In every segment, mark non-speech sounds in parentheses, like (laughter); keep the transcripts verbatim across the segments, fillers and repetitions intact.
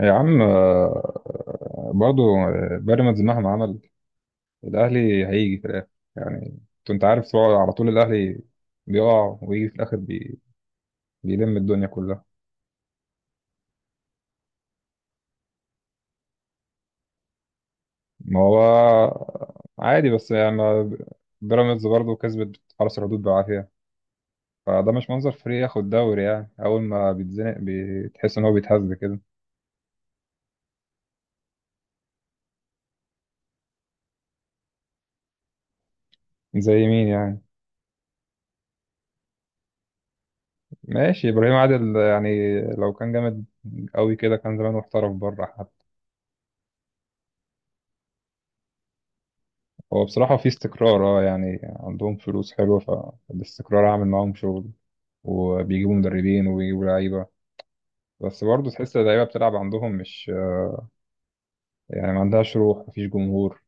يا عم آه، برضو آه، بيراميدز مهما عمل الأهلي هيجي في الآخر. يعني أنت أنت عارف طبعاً على طول الأهلي بيقع ويجي في الآخر بي... بيلم الدنيا كلها. ما هو عادي، بس يعني ما- بيراميدز برضو كسبت حرس الحدود بالعافية، فده مش منظر فريق ياخد دوري. يعني أول ما بيتزنق بتحس إن هو بيتهز كده. زي مين يعني؟ ماشي، إبراهيم عادل يعني لو كان جامد قوي كده كان زمانه احترف بره. هو بصراحة في استقرار، اه، يعني عندهم فلوس حلوة، فالاستقرار عامل معاهم شغل، وبيجيبوا مدربين وبيجيبوا لعيبة. بس برضه تحس اللعيبة بتلعب عندهم مش يعني، ما عندهاش روح، مفيش جمهور.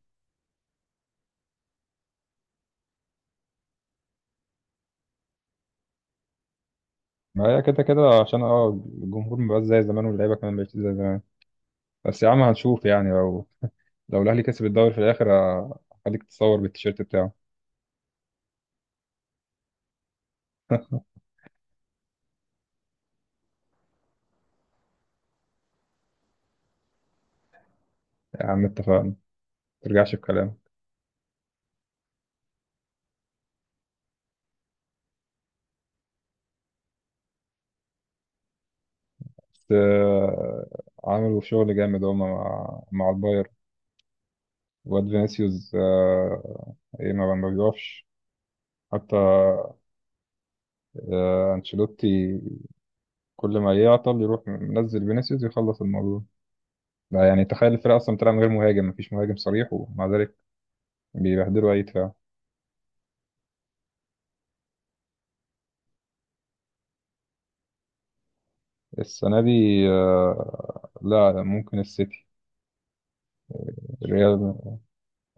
ما هي كده كده، عشان اه الجمهور مبقاش زي زمان واللعيبة كمان مبقتش زي زمان. بس يا عم هنشوف يعني، لو لو الأهلي كسب الدوري في الآخر ه- هخليك تتصور بالتيشيرت بتاعه. (laughs) يا عم اتفقنا، ما ترجعش في كلام. بس آه، عملوا شغل جامد هما مع مع البايرن. واد فينيسيوس آه، ايه، ما ما بيقفش حتى. آه، انشيلوتي كل ما يعطل يروح منزل فينيسيوس يخلص الموضوع. لا يعني، تخيل الفرقة أصلا بتلعب من غير مهاجم، مفيش مهاجم صريح ومع ذلك بيبهدلوا أي دفاع. السنة دي آه، لا ممكن السيتي. الريال،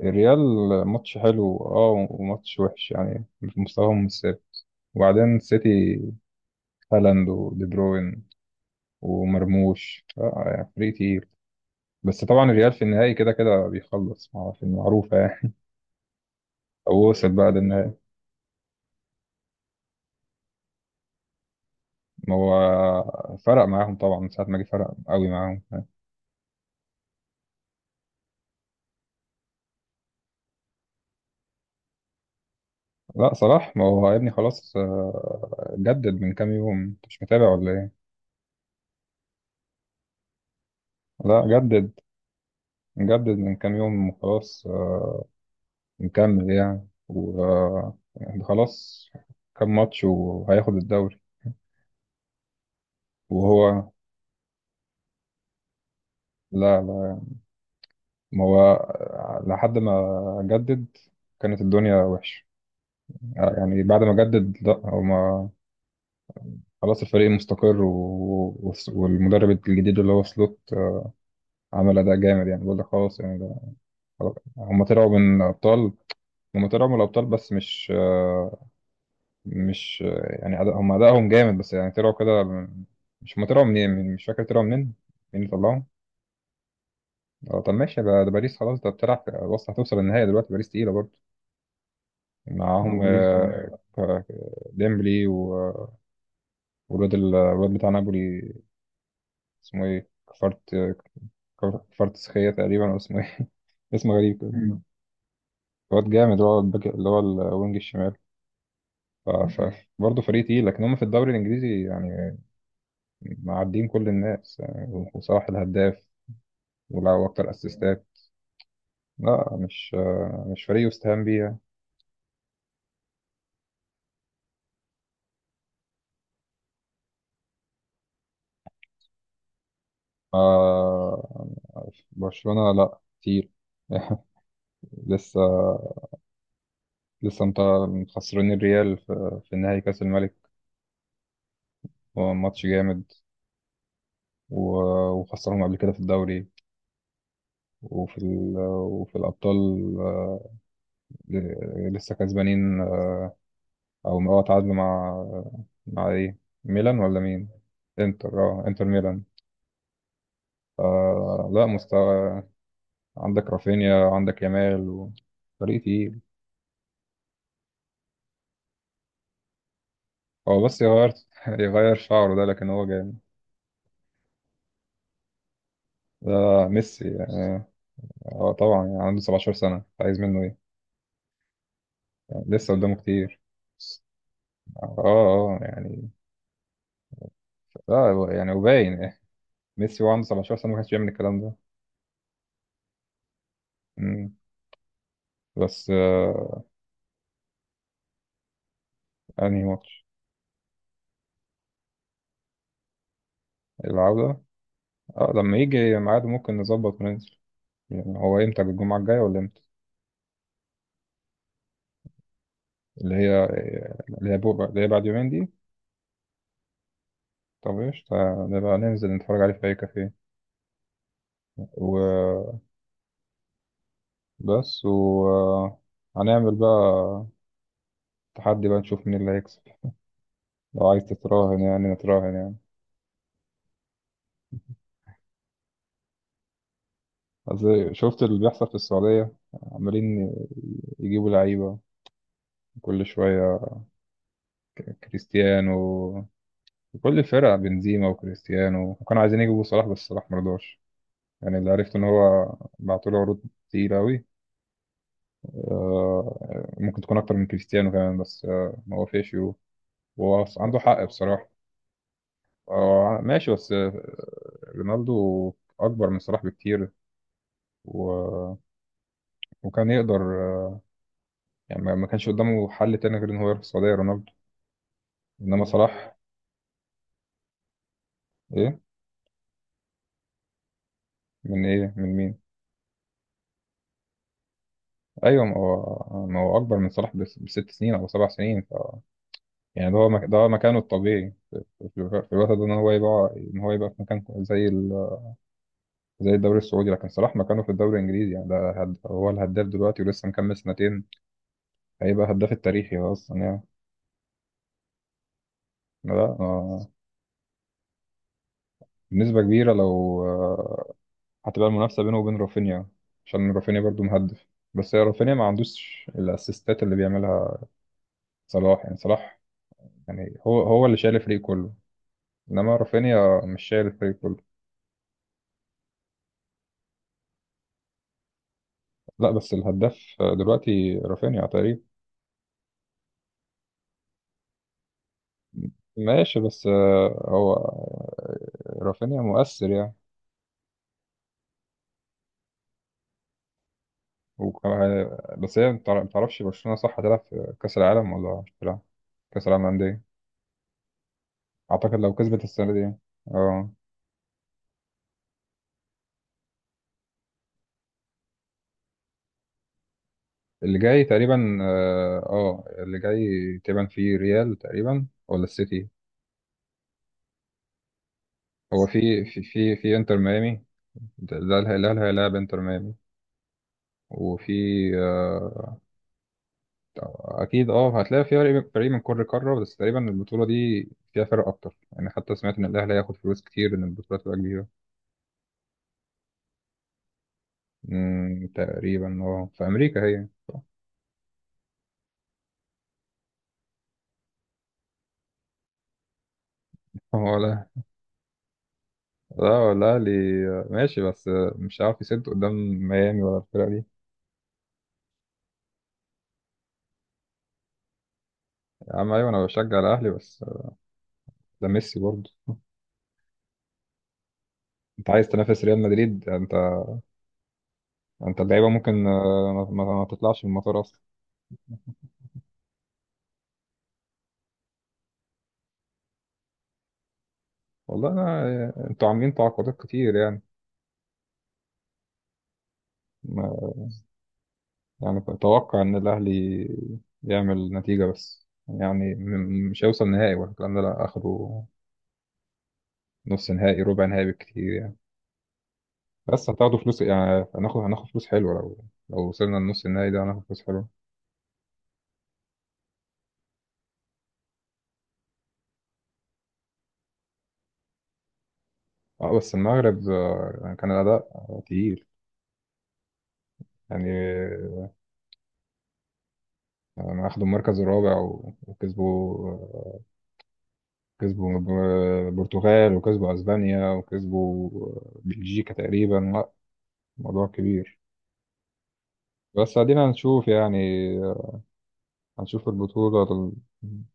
الريال ماتش حلو اه وماتش وحش يعني، مستواهم مش ثابت. وبعدين السيتي، هالاند ودي بروين ومرموش، آه، يعني فريق تقيل. بس طبعا الريال في النهائي كده كده بيخلص مع- في المعروفة يعني. أو وصل بقى للنهائي. ما هو فرق معاهم طبعا، من ساعة ما جه فرق قوي معاهم. لا، صلاح ما هو يا ابني خلاص، آه، جدد من كام يوم. أنت مش متابع ولا إيه؟ لا، جدد جدد من كام يوم وخلاص. آه، مكمل يعني، وخلاص. كام ماتش وهياخد الدوري. وهو، لا لا ما هو لحد ما جدد كانت الدنيا وحشة يعني. بعد ما جدد لا هو ما، خلاص الفريق مستقر و... و... والمدرب الجديد اللي هو سلوت آه، عمل أداء جامد. يعني بقول لك خلاص يعني، ده خلاص. هم طلعوا من الأبطال. هم طلعوا من الأبطال بس مش آه، مش آه، يعني أداء، هم أدائهم جامد، بس يعني طلعوا كده من- مش هم طلعوا منين من- مش فاكر طلعوا منين. مين اللي طلعهم؟ اه طب ماشي بقى، ده باريس خلاص، ده بتلعب. بص هتوصل النهائي دلوقتي، باريس تقيلة برضه، معاهم باريس. آه، ك- ديمبلي و- والواد ال- الواد بتاع نابولي اسمه ايه، كفارت آه، كفارت سخية تقريبا، أو اسمه إيه؟ اسم غريب كده. مم. واد جامد، اللي هو الباك اللي هو الوينج الشمال. ف... ف... برضه فريق تقيل، لكن هم في الدوري الانجليزي يعني معديين كل الناس، يعني وصلاح الهداف ولعبوا اكتر اسيستات. لا مش مش فريق يستهان بيه يعني. آه... برشلونة لا كتير. (laughs) لسه لسه انت مخسرين الريال في, في نهائي كاس الملك. هو ماتش جامد. و... وخسرهم قبل كده في الدوري وفي ال... وفي الابطال. آه، لسه كسبانين. او اه تعادلوا مع مع ايه، ميلان ولا مين؟ انتر، اه انتر ميلان. آه لا مستوى. عندك رافينيا، عندك يامال و... فريق تقيل. هو بس يغير (laughs) يغير شعره ده، لكن هو جامد. ده ميسي يعني. اه طبعا، يعني عنده سبعة عشر سنة، عايز منه ايه؟ يعني لسه قدامه كتير. اه اه، آه، يعني اه هو- يعني وباين إيه. ميسي وهو عنده سبعة عشر سنة ما كانش بيعمل الكلام ده. مم. بس آه. انهي ماتش؟ العودة، اه لما يجي ميعاده ممكن نظبط وننزل. يعني هو امتى، الجمعة الجاية ولا امتى؟ اللي هي اللي هي بكرة، اللي هي بعد يومين دي. طب ايش، نبقى ننزل نتفرج عليه في أي كافيه وبس، وهنعمل بقى تحدي بقى نشوف مين اللي هيكسب. لو عايز تتراهن يعني نتراهن يعني. أصل شفت اللي بيحصل في السعودية، عمالين يجيبوا لعيبة كل شوية. كريستيانو، كل الفرق، بنزيما وكريستيانو، وكانوا عايزين يجيبوا صلاح بس صلاح مرضاش. يعني اللي عرفت إن هو بعتوله عروض كتير أوي. آه، ممكن تكون اكتر من كريستيانو كمان، بس آه، ما وافقش. وهو عنده حق بصراحه. آه، ماشي، بس آه، رونالدو اكبر من صلاح بكتير. و... وكان يقدر آه، يعني ما ما كانش قدامه حل تاني غير ان هو يروح السعوديه، رونالدو. انما صلاح ايه. من ايه من مين؟ ايوه، ما هو ما هو اكبر من صلاح بس- بست سنين او سبع سنين. ف... يعني ده هو مك... ده هو مكانه الطبيعي في الوقت ده، ان هو يبقى ان هو يبقى في مكان زي زي الدوري السعودي. لكن صلاح مكانه في الدوري الانجليزي، يعني ده هد... هو الهداف دلوقتي ولسه مكمل سنتين. هيبقى هداف التاريخي اصلا يعني. لا آه، بنسبة كبيرة. لو آه، هتبقى المنافسة بينه وبين رافينيا، عشان رافينيا برضو مهدف. بس هي رافينيا ما عندوش الاسيستات اللي بيعملها صلاح. يعني صلاح، يعني هو هو اللي شايل الفريق كله، انما رافينيا مش شايل الفريق كله. لا بس الهداف آه، دلوقتي رافينيا تقريبا. ماشي، بس آه، هو آه، رافينيا مؤثر يعني. وكان بس، هي متعر- متعرفش، برشلونة صح هتلعب في كأس العالم ولا مش هتلعب؟ كأس العالم للأندية. أعتقد لو كسبت السنة دي يعني. اه، اللي جاي تقريبا، اه آه، اللي جاي تقريبا في ريال تقريبا ولا السيتي. هو في في في, في انتر ميامي، ده ده اللي هيلاعب هيلاعب انتر ميامي. وفي، آه، اكيد اه هتلاقي في فريق فريق من كل قاره. بس تقريبا البطوله دي فيها فرق اكتر يعني. حتى سمعت ان الاهلي هياخد فلوس كتير ان البطوله تبقى كبيره. امم تقريبا، اه في امريكا هي. هو لا، لا الأهلي ماشي، بس مش عارف يسد قدام ميامي ولا الفرقة دي. يا عم أيوة، أنا بشجع الأهلي بس ده ميسي برضه. أنت عايز تنافس ريال مدريد؟ أنت، أنت اللعيبة ممكن آه، ما, ما ما تطلعش من المطار أصلا. والله أنا أنتوا عاملين تعاقدات كتير يعني. ما، يعني أتوقع إن الأهلي يعمل نتيجة، بس يعني م- مش هيوصل نهائي ولا الكلام ده لا آخره. نص نهائي، ربع نهائي بالكتير يعني. بس هتاخدوا فلوس يعني، هناخد هناخد فلوس حلوة لو لو وصلنا لنص النهائي ده هناخد فلوس حلوة. اه بس المغرب آه، يعني كان الأداء آه، تقيل. يعني آه، يعني أخدوا المركز الرابع و- وكسبوا آه، كسبوا ب- البرتغال، وكسبوا أسبانيا، وكسبوا آه، بلجيكا تقريبا، لا موضوع كبير. بس ادينا هنشوف يعني آه، هنشوف البطولة ال-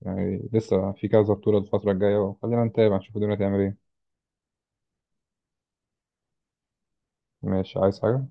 يعني لسه في كذا بطولة الفترة الجاية، وخلينا نتابع نشوف الدنيا تعمل ايه. ماشي، عايز حاجة؟